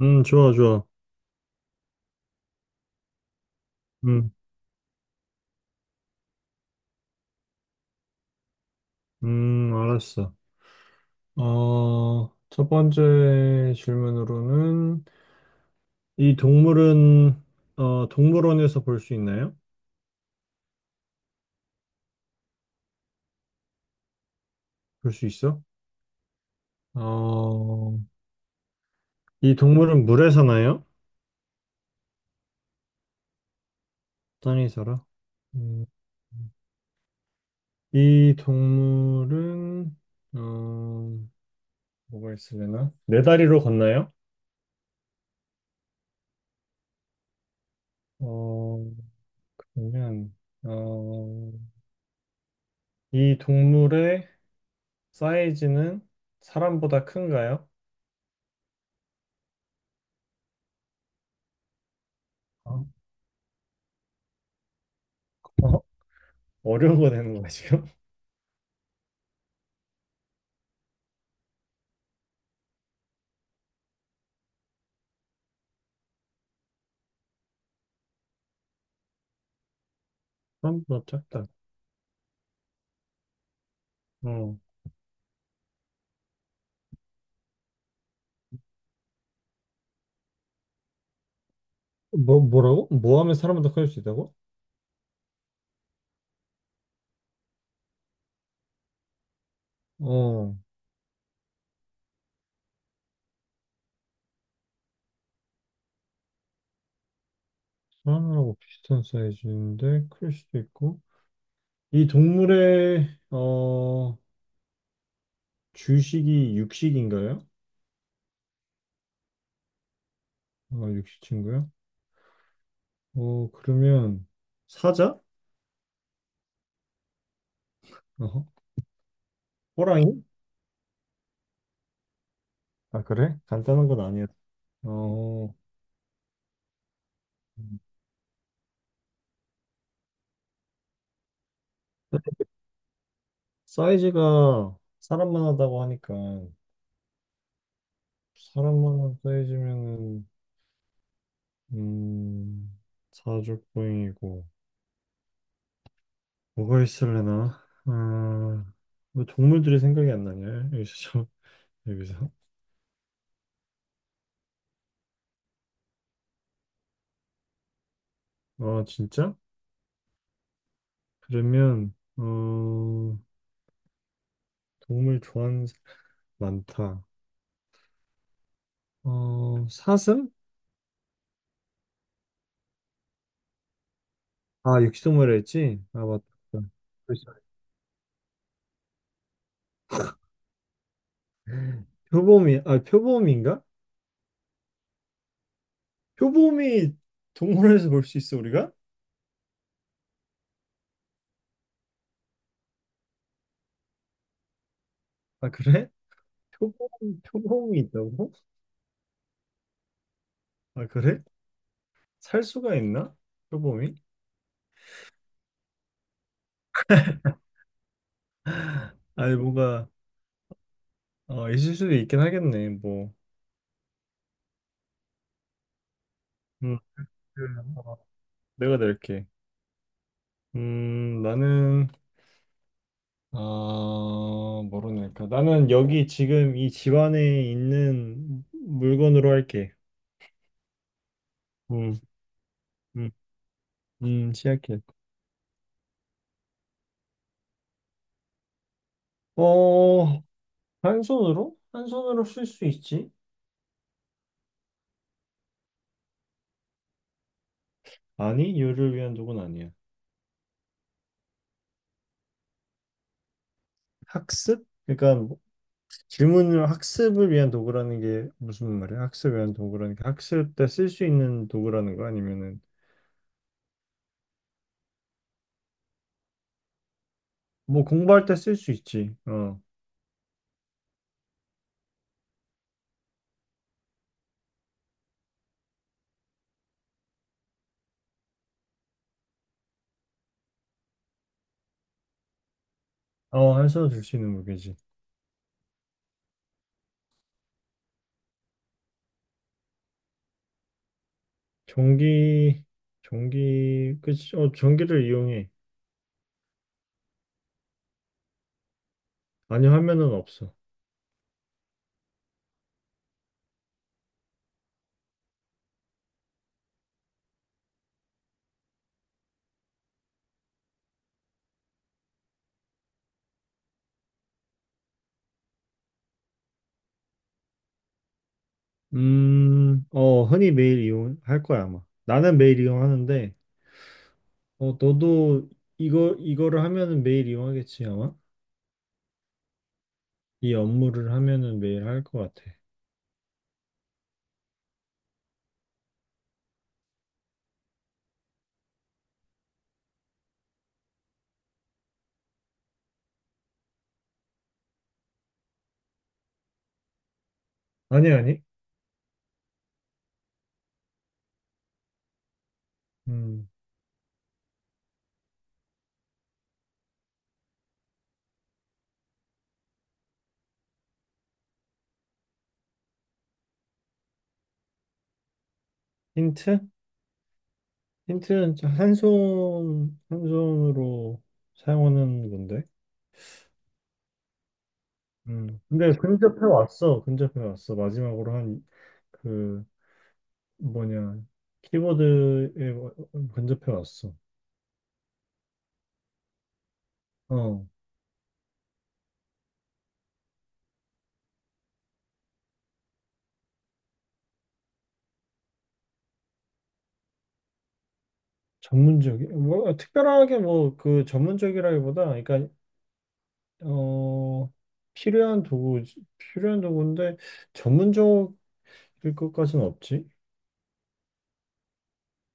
좋아, 좋아. 음, 알았어. 첫 번째 질문으로는 이 동물은 동물원에서 볼 수 있나요? 볼 수 있어? 어, 이 동물은 물에 사나요? 땅에 살아? 음, 이 동물은 어, 뭐가 있으려나? 네 다리로 걷나요? 어, 그러면 어, 이 동물의 사이즈는 사람보다 큰가요? 아, 어? 어려운 거 되는 거야, 지금? 사람보다 짧다. 어. 뭐, 뭐라고? 뭐 하면 사람보다 클 수 있다고? 어, 사람하고 비슷한 사이즈인데 클 수도 있고. 이 동물의 주식이 육식인가요? 어, 육식친구요? 어, 그러면 사자? 어허. 호랑이? 아, 그래? 간단한 건 아니야. 어, 사이즈가 사람만 하다고 하니까 사람만 한 사이즈면은 음, 사족보행이고 뭐가 있을래나? 아, 뭐 동물들이 생각이 안 나냐? 여기서 여기서. 아, 진짜? 그러면 어, 동물 좋아하는 사람 많다. 어, 사슴? 아, 육식동물이라 했지? 아, 맞다. 그렇죠. 표범이 아, 표범인가? 표범이 동물원에서 볼 수 있어, 우리가? 아, 그래? 표범이 있다고? 아, 그래? 살 수가 있나? 표범이? 아니, 뭔가 아, 있을 수도 있긴 하겠네. 뭐. 음, 그, 어, 내가 낼게. 나는, 아, 뭐로 낼까? 나는 여기 지금 이 집안에 있는 물건으로 할게. 음, 음, 시작해. 어, 한 손으로? 한 손으로 쓸 수 있지? 아니, 요를 위한 도구는 아니야. 학습? 그러니까 뭐 질문을 학습을 위한 도구라는 게 무슨 말이야? 학습을 위한 도구라는 게 학습 때 쓸 수 있는 도구라는 거 아니면은 뭐 공부할 때 쓸 수 있지. 어, 어, 한손으로 들 수 있는 무게지. 전기, 전기, 그치? 어, 전기를 이용해. 아니, 화면은 없어. 어, 흔히 매일 이용할 거야, 아마. 나는 매일 이용하는데, 너도 이거를 하면은 매일 이용하겠지, 아마? 이 업무를 하면은 매일 할 것 같아. 아니, 아니. 음, 힌트? 힌트는 한 손으로 사용하는 건데. 음. 근데 근접해 왔어. 근접해 왔어. 마지막으로 한 그 뭐냐 키보드에 어, 근접해 왔어. 어. 전문적이 뭐 특별하게 뭐 그 전문적이라기보다 그러니까 어 필요한 도구 필요한 도구인데 전문적일 것까지는 없지.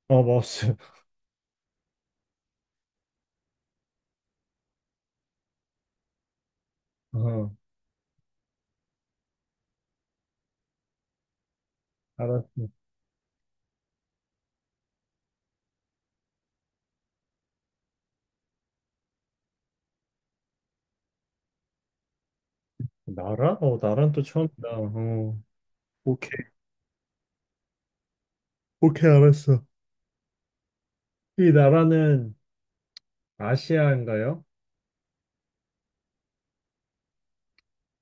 아 마우스. 어 알았어. 나라? 어 나란 또 처음이다. 어 오케이 오케이 알았어. 이 나라는 아시아인가요?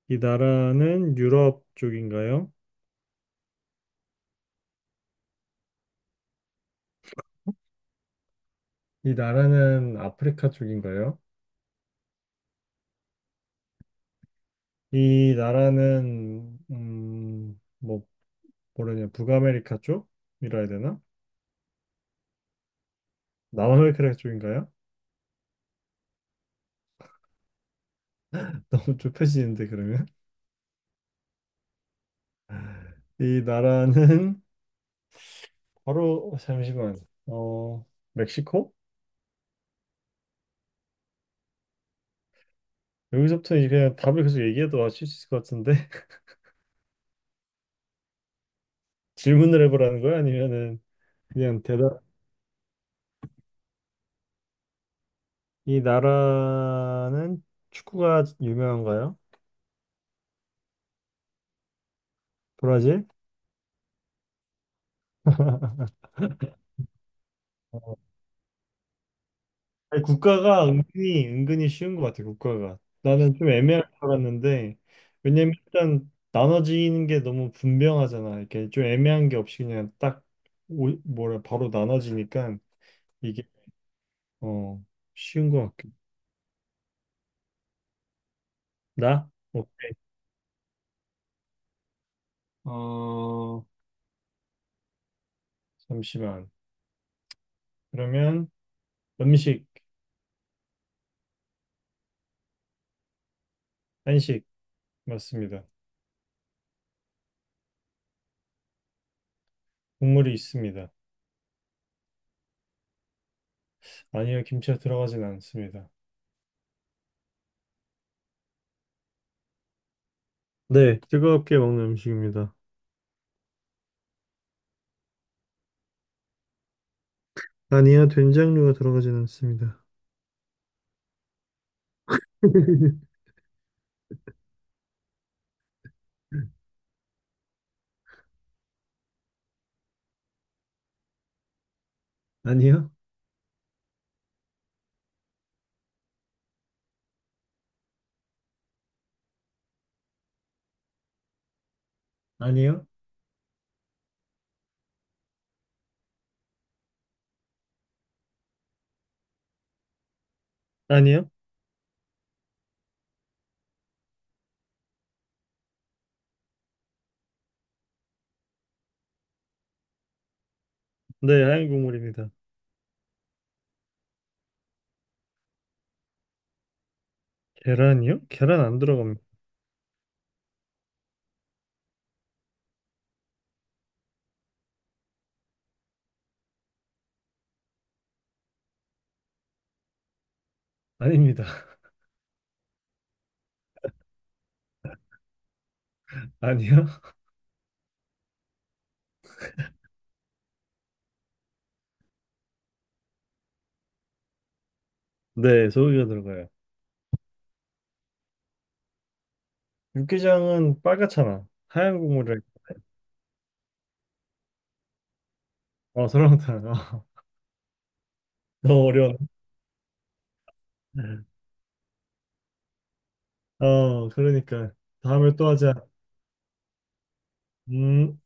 이 나라는 유럽 쪽인가요? 이 나라는 아프리카 쪽인가요? 이 나라는 뭐 뭐라냐 북아메리카 쪽이라 해야 되나? 남아메리카 쪽인가요? 너무 좁혀지는데 그러면 이 나라는 바로 잠시만 어 멕시코? 여기서부터 이제 그냥 답을 계속 얘기해도 아실 수 있을 것 같은데 질문을 해보라는 거야? 아니면은 그냥 대답 이 나라는 축구가 유명한가요? 브라질? 아니, 국가가 은근히 은근히 쉬운 것 같아. 국가가 나는 좀 애매할 줄 알았는데 왜냐면 일단 나눠지는 게 너무 분명하잖아. 이렇게 좀 애매한 게 없이 그냥 딱 오- 뭐라 바로 나눠지니까 이게 어 쉬운 것 같긴. 나? 오케이. 어 잠시만. 그러면 음식 한식 맞습니다. 국물이 있습니다. 아니요 김치가 들어가진 않습니다. 네, 뜨겁게 먹는 음식입니다. 아니요 된장류가 들어가진 않습니다. 아니요? 아니요? 아니요? 네, 하얀 국물입니다. 계란이요? 계란 안 들어갑니다. 아닙니다. 아니요? 네, 소고기가 들어가요. 육개장은 빨갛잖아. 하얀 국물을. 어, 설렁탕. 어, 너무 어려워. 어, 그러니까. 다음에 또 하자. 음.